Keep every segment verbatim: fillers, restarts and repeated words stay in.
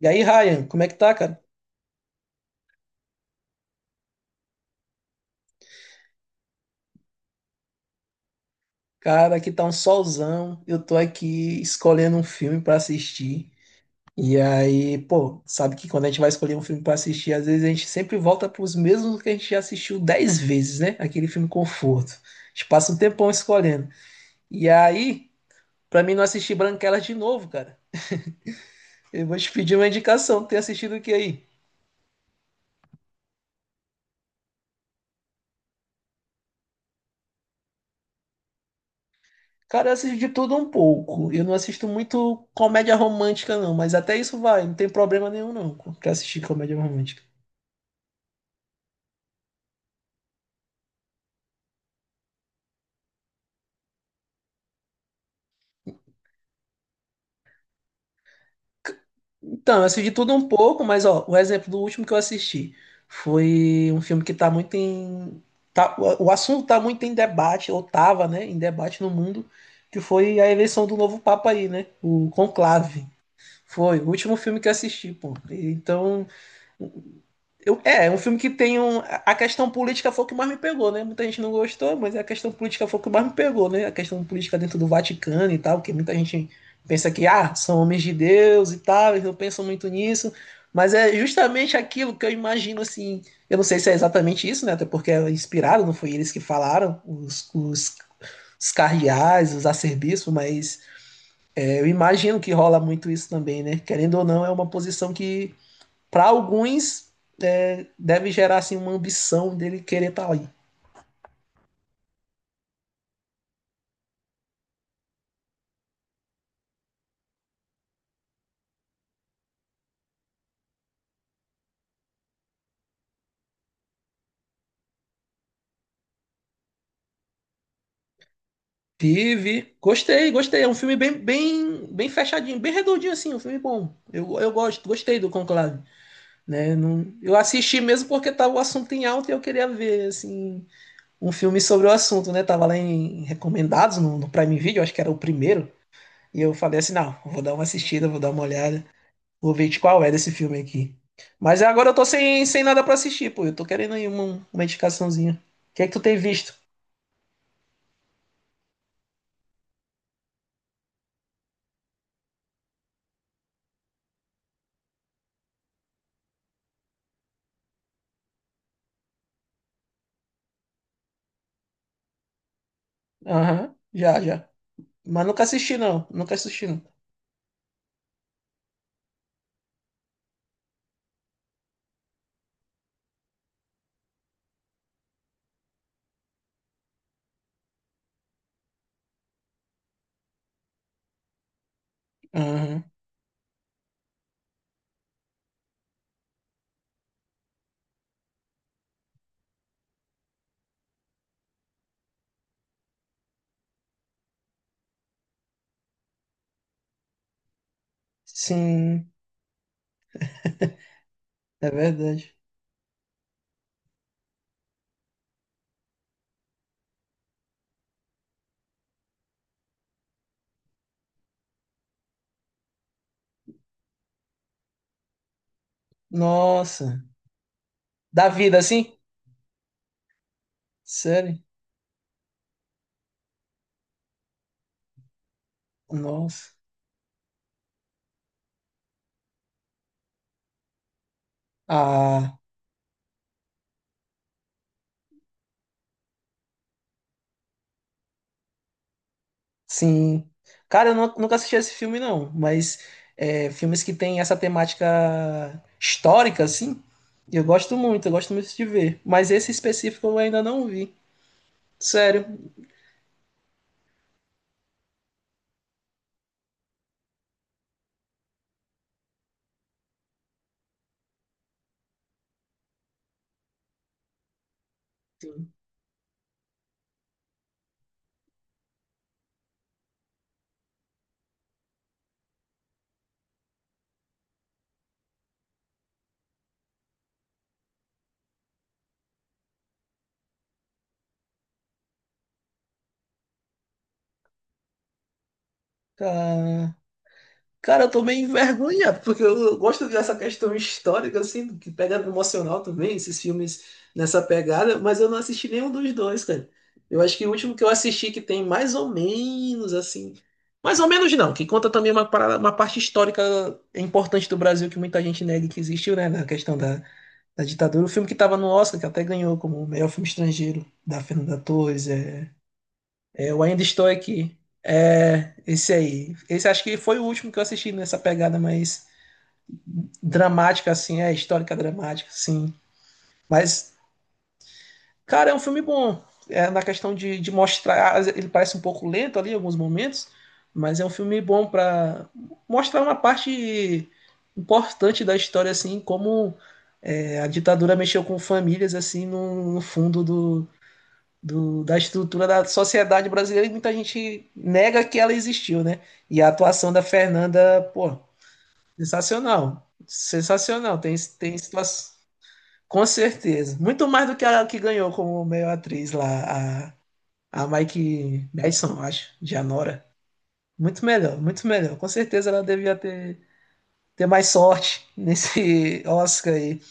E aí, Ryan, como é que tá, cara? Cara, aqui tá um solzão. Eu tô aqui escolhendo um filme pra assistir. E aí, pô, sabe que quando a gente vai escolher um filme pra assistir, às vezes a gente sempre volta pros mesmos que a gente já assistiu dez vezes, né? Aquele filme conforto. A gente passa um tempão escolhendo. E aí, pra mim não assistir Branquelas de novo, cara, eu vou te pedir uma indicação. Tem assistido o que aí? Cara, eu assisto de tudo um pouco. Eu não assisto muito comédia romântica, não, mas até isso vai, não tem problema nenhum, não, pra assistir comédia romântica. Então, eu assisti tudo um pouco, mas ó, o exemplo do último que eu assisti foi um filme que tá muito em. tá- o o assunto tá muito em debate, ou tava, né? Em debate no mundo, que foi a eleição do novo Papa aí, né? O Conclave. Foi o último filme que eu assisti, pô. Então, eu- é, é um filme que tem um. A questão política foi o que mais me pegou, né? Muita gente não gostou, mas a questão política foi o que mais me pegou, né? A questão política dentro do Vaticano e tal, que muita gente pensa que, ah, são homens de Deus e tal, eles não pensam muito nisso. Mas é justamente aquilo que eu imagino, assim. Eu não sei se é exatamente isso, né? Até porque é inspirado, não foi eles que falaram, os, os, os cardeais, os arcebispos, mas é, eu imagino que rola muito isso também, né? Querendo ou não, é uma posição que para alguns é, deve gerar assim uma ambição dele querer estar tá ali. Vive, gostei, gostei. É um filme bem, bem, bem fechadinho, bem redondinho assim, um filme bom. Eu, eu gosto, gostei do Conclave, né? Não, eu assisti mesmo porque tava o assunto em alta e eu queria ver assim um filme sobre o assunto, né? Tava lá em recomendados no, no Prime Video, acho que era o primeiro. E eu falei assim, não, vou dar uma assistida, vou dar uma olhada. Vou ver de qual é desse filme aqui. Mas agora eu tô sem, sem nada pra assistir, pô. Eu tô querendo aí uma, uma indicaçãozinha. O que é que tu tem visto? Aham, já, já. Mas nunca assisti, não. Nunca assisti, não. Aham. Sim, é verdade. Nossa. Da vida, assim? Sério? Nossa. Ah, sim. Cara, eu nu- nunca assisti esse filme, não. Mas é, filmes que têm essa temática histórica, assim, eu gosto muito, eu gosto muito de ver. Mas esse específico eu ainda não vi. Sério, cara. Cara, eu tô meio envergonhado, porque eu gosto dessa questão histórica, assim, que pega no emocional também, esses filmes nessa pegada, mas eu não assisti nenhum dos dois, cara. Eu acho que o último que eu assisti que tem mais ou menos, assim. Mais ou menos não, que conta também uma, parada- uma parte histórica importante do Brasil que muita gente nega que existiu, né? Na questão da, da ditadura. O filme que tava no Oscar, que até ganhou como melhor filme estrangeiro, da Fernanda Torres, é. Eu ainda estou aqui. É, esse aí. Esse acho que foi o último que eu assisti nessa pegada mais dramática, assim, é histórica dramática, sim. Mas, cara, é um filme bom. É, na questão de, de mostrar, às vezes ele parece um pouco lento ali em alguns momentos, mas é um filme bom para mostrar uma parte importante da história, assim, como é, a ditadura mexeu com famílias, assim, no, no fundo do, do- da estrutura da sociedade brasileira e muita gente nega que ela existiu, né? E a atuação da Fernanda, pô, sensacional. Sensacional. Tem, tem situação. Com certeza. Muito mais do que a que ganhou como melhor atriz lá, a, a Mike Madison, acho, de Anora. Muito melhor, muito melhor. Com certeza ela devia ter, ter mais sorte nesse Oscar aí.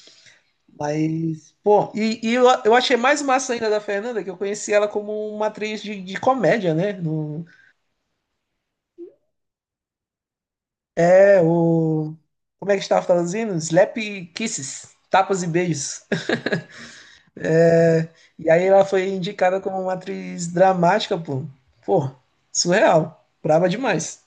Mas, pô, e, e eu, eu achei mais massa ainda da Fernanda, que eu conheci ela como uma atriz de, de comédia, né? No, é, o. Como é que estava traduzindo? Slap Kisses, tapas e beijos. É, e aí ela foi indicada como uma atriz dramática, pô. Pô, surreal. Brava demais.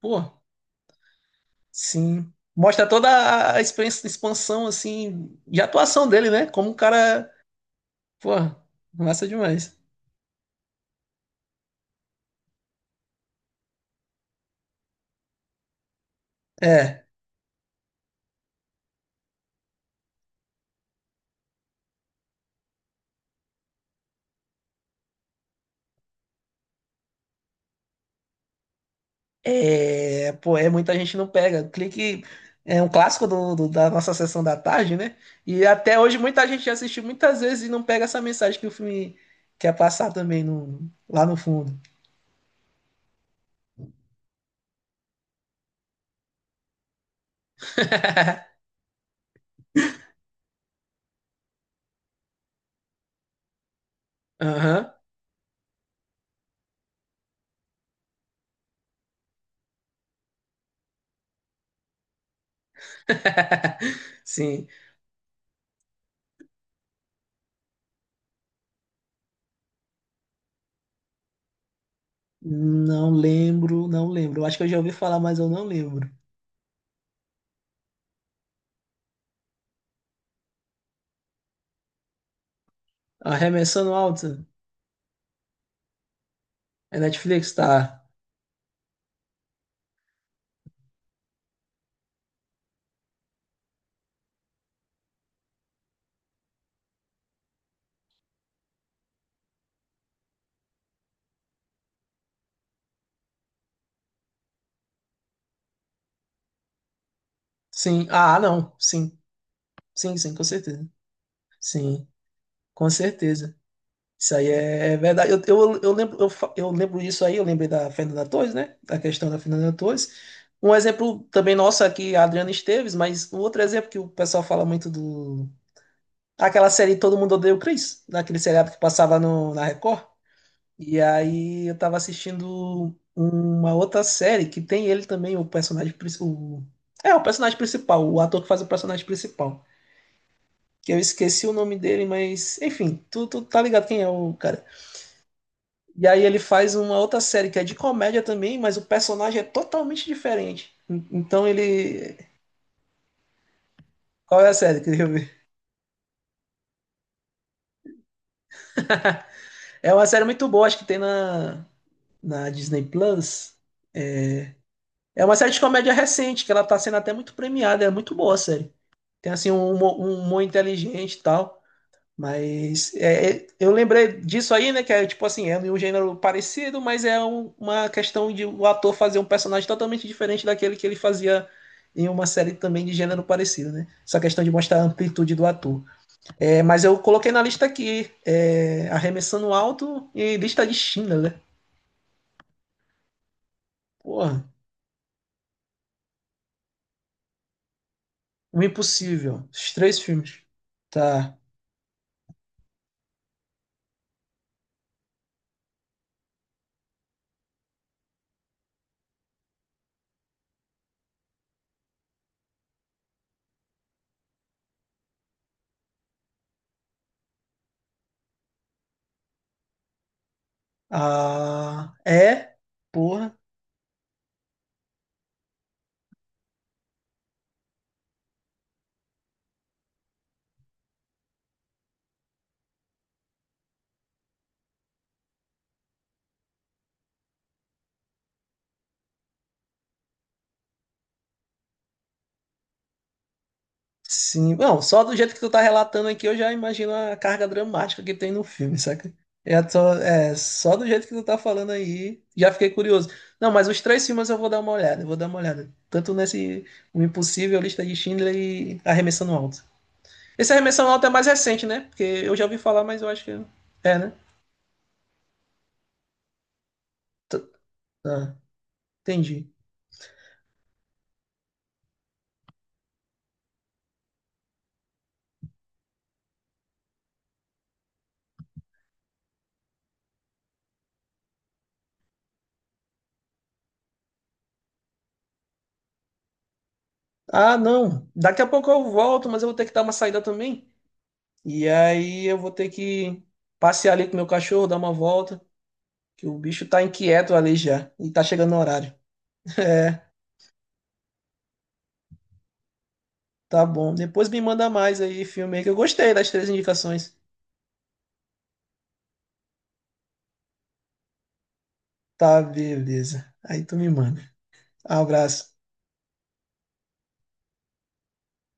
Pô, sim. Mostra toda a a expan- expansão, assim, de atuação dele, né? Como o cara. Pô, massa demais. É. É, pô, é muita gente não pega. Clique é um clássico do, do- da nossa sessão da tarde, né? E até hoje muita gente já assistiu muitas vezes e não pega essa mensagem que o filme quer passar também no, lá no fundo. Aham. Sim. Não lembro, não lembro. Eu acho que eu já ouvi falar, mas eu não lembro. Arremessando alto. É Netflix? Tá. Sim. Ah, não. Sim. Sim, sim, com certeza. Sim, com certeza. Isso aí é é verdade. Eu, eu, eu lembro, eu, fa- eu lembro isso aí, eu lembrei da Fernanda Torres, né? Da questão da Fernanda Torres. Um exemplo também nosso aqui, a Adriana Esteves, mas um outro exemplo que o pessoal fala muito do. Aquela série Todo Mundo Odeia o Chris, naquele seriado que passava no, na Record. E aí eu tava assistindo uma outra série que tem ele também, o personagem principal. É, o personagem principal, o ator que faz o personagem principal. Que eu esqueci o nome dele, mas enfim, tu, tu tá ligado quem é o cara. E aí ele faz uma outra série que é de comédia também, mas o personagem é totalmente diferente. En- Então ele. Qual é a série? Que eu ver. É uma série muito boa, acho que tem na, na Disney Plus. É uma série de comédia recente, que ela tá sendo até muito premiada, é muito boa a série. Tem assim um humor, um humor inteligente e tal. Mas é, é, eu lembrei disso aí, né? Que é tipo assim, é um gênero parecido, mas é um- uma questão de o ator fazer um personagem totalmente diferente daquele que ele fazia em uma série também de gênero parecido, né? Essa questão de mostrar a amplitude do ator. É, mas eu coloquei na lista aqui, é, Arremessando Alto e Lista de Schindler, né? Porra, O Impossível. Os três filmes. Tá. Ah, é. Porra. Sim, não, só do jeito que tu tá relatando aqui, eu já imagino a carga dramática que tem no filme, saca? É, só- é, só do jeito que tu tá falando aí, já fiquei curioso. Não, mas os três filmes eu vou dar uma olhada, eu vou dar uma olhada. Tanto nesse O Impossível, Lista de Schindler e Arremessando Alto. Esse Arremessando Alto é mais recente, né? Porque eu já ouvi falar, mas eu acho que... É, né? T- Ah, entendi. Ah, não, daqui a pouco eu volto, mas eu vou ter que dar uma saída também. E aí eu vou ter que passear ali com meu cachorro, dar uma volta. Que o bicho tá inquieto ali já. E tá chegando no horário. É, tá bom. Depois me manda mais aí, filme aí, que eu gostei das três indicações. Tá, beleza. Aí tu me manda. Abraço.